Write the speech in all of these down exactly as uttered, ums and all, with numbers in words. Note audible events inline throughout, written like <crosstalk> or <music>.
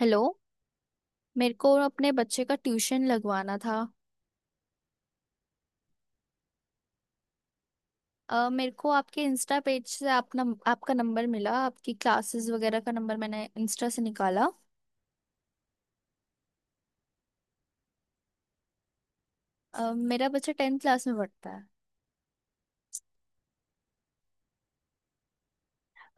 Hello. मेरे को अपने बच्चे का ट्यूशन लगवाना था। अ, मेरे को आपके इंस्टा पेज से आप नम, आपका नंबर मिला। आपकी क्लासेस वगैरह का नंबर मैंने इंस्टा से निकाला। अ, मेरा बच्चा टेंथ क्लास में पढ़ता है।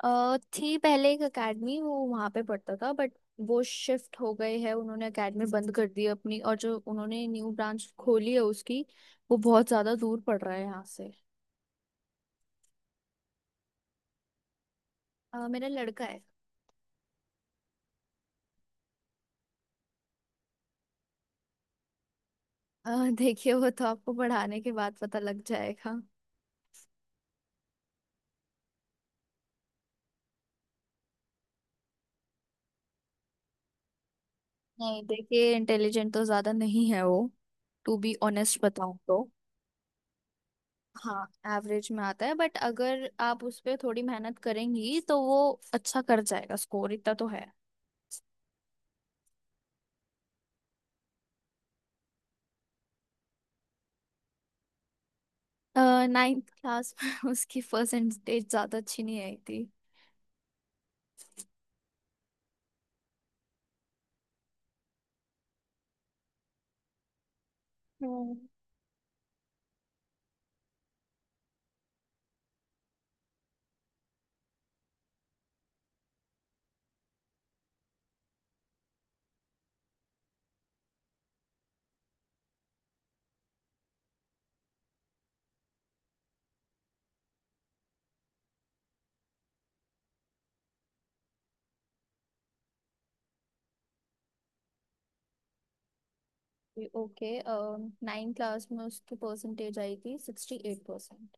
अ, थी पहले एक अकेडमी, वो वहाँ पे पढ़ता था बट वो शिफ्ट हो गए है, उन्होंने अकेडमी बंद कर दी है अपनी। और जो उन्होंने न्यू ब्रांच खोली है, उसकी वो बहुत ज़्यादा दूर पड़ रहा है यहाँ से। अ, मेरा लड़का है अ, <laughs> देखिए, वो तो आपको पढ़ाने के बाद पता लग जाएगा। नहीं देखिए, इंटेलिजेंट तो ज्यादा नहीं है वो, टू बी ऑनेस्ट बताऊं तो। हाँ, एवरेज में आता है बट अगर आप उस पे थोड़ी मेहनत करेंगी तो वो अच्छा कर जाएगा, स्कोर इतना तो है। नाइन्थ क्लास में <laughs> उसकी परसेंटेज ज्यादा अच्छी नहीं आई थी। हम्म। ओके। नाइन्थ क्लास में उसकी परसेंटेज आई थी sixty eight percent.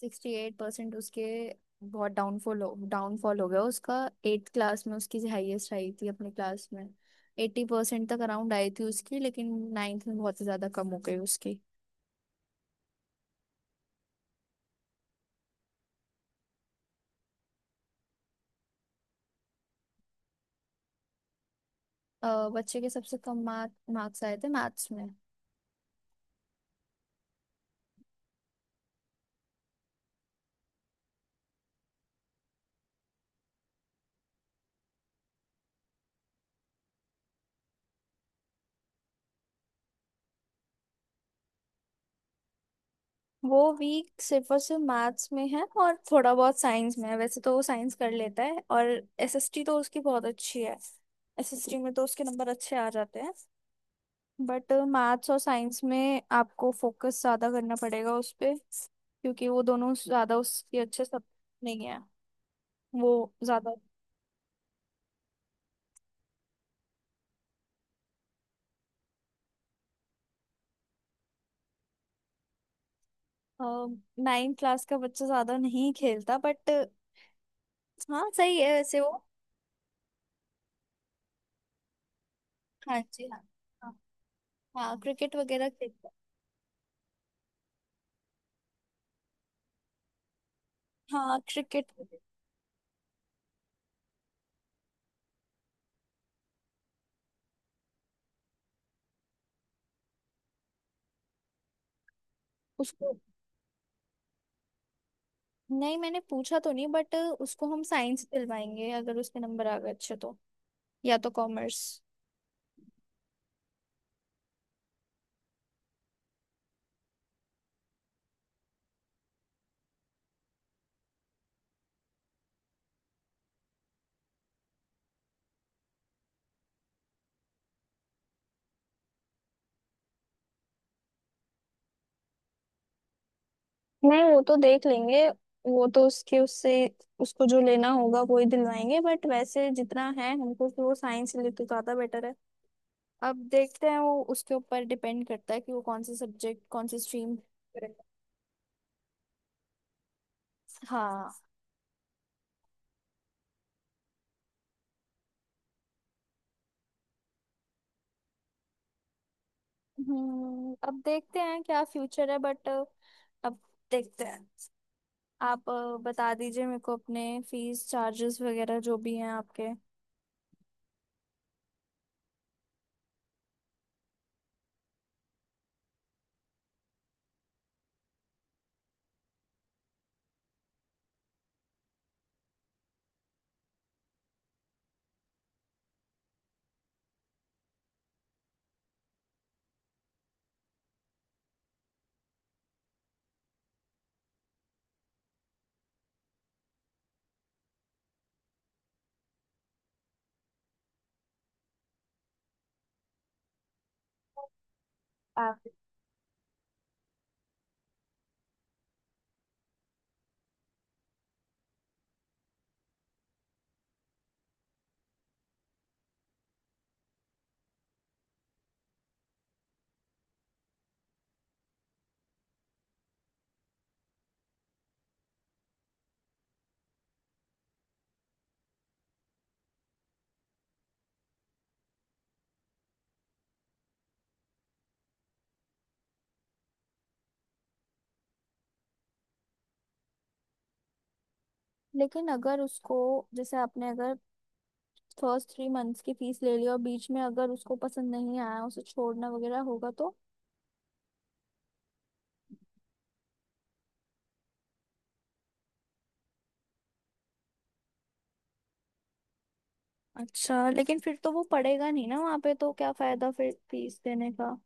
Sixty eight percent उसके, बहुत डाउनफॉल हो डाउनफॉल हो गया उसका। एट्थ क्लास में उसकी हाईएस्ट आई थी अपने क्लास में, एट्टी परसेंट तक अराउंड आई थी उसकी, लेकिन नाइन्थ में बहुत ही ज़्यादा कम हो गई उसकी। अ, बच्चे के सबसे कम मार्क मार्क्स आए थे मैथ्स में। वो वीक सिर्फ और सिर्फ मैथ्स में है और थोड़ा बहुत साइंस में है, वैसे तो वो साइंस कर लेता है। और एसएसटी तो उसकी बहुत अच्छी है, एसएसटी में तो उसके नंबर अच्छे आ जाते हैं बट मैथ्स और साइंस में आपको फोकस ज्यादा करना पड़ेगा उस पे, क्योंकि वो दोनों ज्यादा उसके अच्छे सब नहीं है वो ज्यादा। नाइन्थ क्लास का बच्चा ज्यादा नहीं खेलता बट हाँ सही है वैसे वो। हाँ जी, हाँ। हाँ। हाँ क्रिकेट वगैरह खेलता है। हाँ क्रिकेट। उसको, नहीं मैंने पूछा तो नहीं बट उसको हम साइंस दिलवाएंगे अगर उसके नंबर आ गए अच्छे तो, या तो कॉमर्स। नहीं वो तो देख लेंगे, वो तो उसके उससे उसको जो लेना होगा वो ही दिलवाएंगे बट वैसे जितना है हमको, कि वो साइंस ले तो ज्यादा बेटर है। अब देखते हैं, वो उसके ऊपर डिपेंड करता है कि वो कौन से सब्जेक्ट कौन से स्ट्रीम। हाँ। हम्म, अब देखते हैं क्या फ्यूचर है बट अब देखते हैं। आप अ, बता दीजिए मेरे को अपने फीस चार्जेस वगैरह जो भी हैं आपके। आप लेकिन अगर उसको, जैसे आपने अगर फर्स्ट थ्री मंथ्स की फीस ले लियो और बीच में अगर उसको पसंद नहीं आया, उसे छोड़ना वगैरह होगा तो? अच्छा लेकिन फिर तो वो पढ़ेगा नहीं ना वहाँ पे, तो क्या फायदा फिर फीस देने का?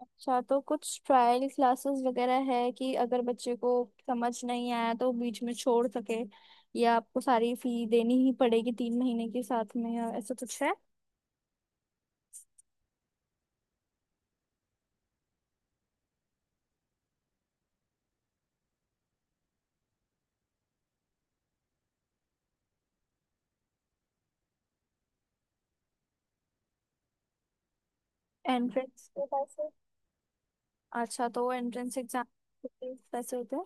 अच्छा तो कुछ ट्रायल क्लासेस वगैरह है कि अगर बच्चे को समझ नहीं आया तो बीच में छोड़ सके, या आपको सारी फी देनी ही पड़ेगी तीन महीने के साथ में, या ऐसा कुछ है? एंट्रेंस के पैसे? अच्छा, तो एंट्रेंस एग्जाम पैसे होते हैं।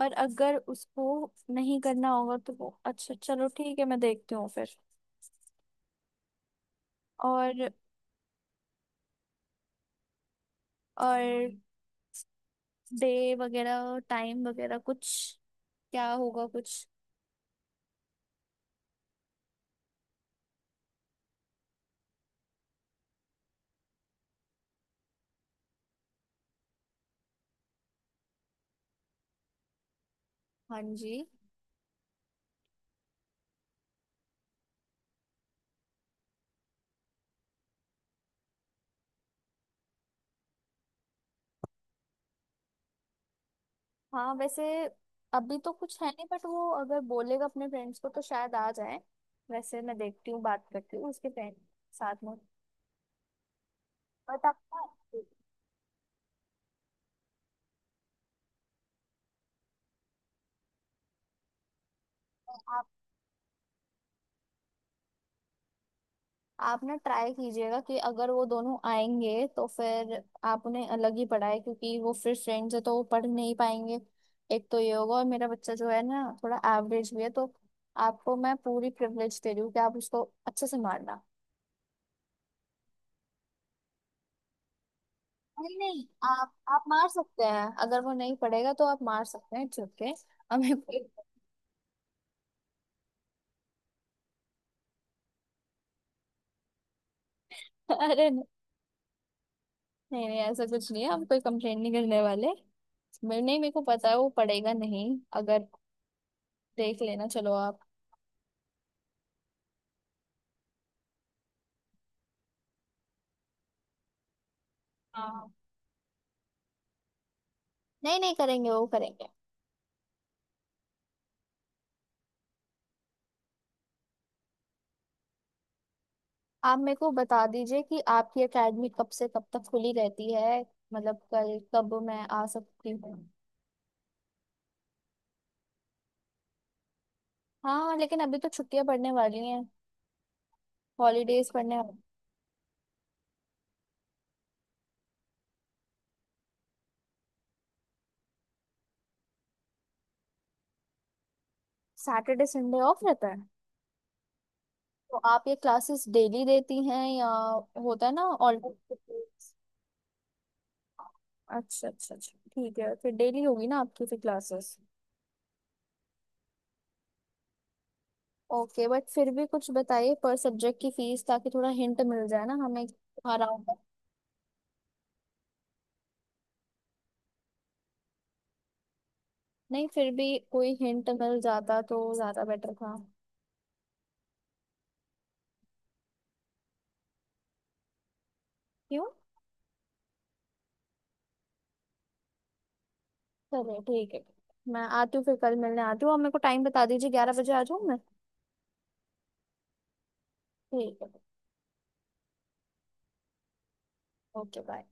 और अगर उसको नहीं करना होगा तो वो, अच्छा चलो ठीक है, मैं देखती हूँ फिर। और और डे वगैरह टाइम वगैरह कुछ क्या होगा कुछ? हाँ जी। हाँ वैसे, अभी तो कुछ है नहीं बट वो अगर बोलेगा अपने फ्रेंड्स को तो शायद आ जाए। वैसे मैं देखती हूँ, बात करती हूँ उसके फ्रेंड साथ में। बट आप आप ना ट्राई कीजिएगा कि अगर वो दोनों आएंगे तो फिर आप उन्हें अलग ही पढ़ाए, क्योंकि वो फिर फ्रेंड्स है तो वो पढ़ नहीं पाएंगे। एक तो ये होगा, और मेरा बच्चा जो है ना थोड़ा एवरेज भी है, तो आपको मैं पूरी प्रिविलेज दे रही हूँ कि आप उसको अच्छे से मारना। नहीं नहीं, आप आप मार सकते हैं, अगर वो नहीं पढ़ेगा तो आप मार सकते हैं, इट्स ओके। हमें कोई। <laughs> अरे नहीं। नहीं नहीं, ऐसा कुछ नहीं है, हम कोई कंप्लेन नहीं करने वाले। मैं- नहीं मेरे को पता है वो पढ़ेगा नहीं, अगर देख लेना। चलो आप। हाँ। नहीं नहीं करेंगे, वो करेंगे। आप मेरे को बता दीजिए कि आपकी एकेडमी कब से कब तक खुली रहती है, मतलब कल कब मैं आ सकती हूँ। हाँ लेकिन अभी तो छुट्टियां पड़ने वाली हैं, हॉलीडेज पड़ने वाली। सैटरडे संडे ऑफ रहता है? तो आप ये क्लासेस डेली देती हैं या होता है ना? ऑल। अच्छा अच्छा अच्छा, ठीक है, फिर डेली होगी ना आपकी फिर क्लासेस। ओके बट फिर भी कुछ बताइए पर सब्जेक्ट की फीस, ताकि थोड़ा हिंट मिल जाए ना हमें। अराउंड। नहीं फिर भी कोई हिंट मिल जाता तो ज्यादा बेटर था। क्यों? चलिए ठीक है, मैं आती हूँ फिर कल मिलने आती हूँ और मेरे को टाइम बता दीजिए, ग्यारह बजे आ जाऊँ मैं? ठीक है। Okay bye.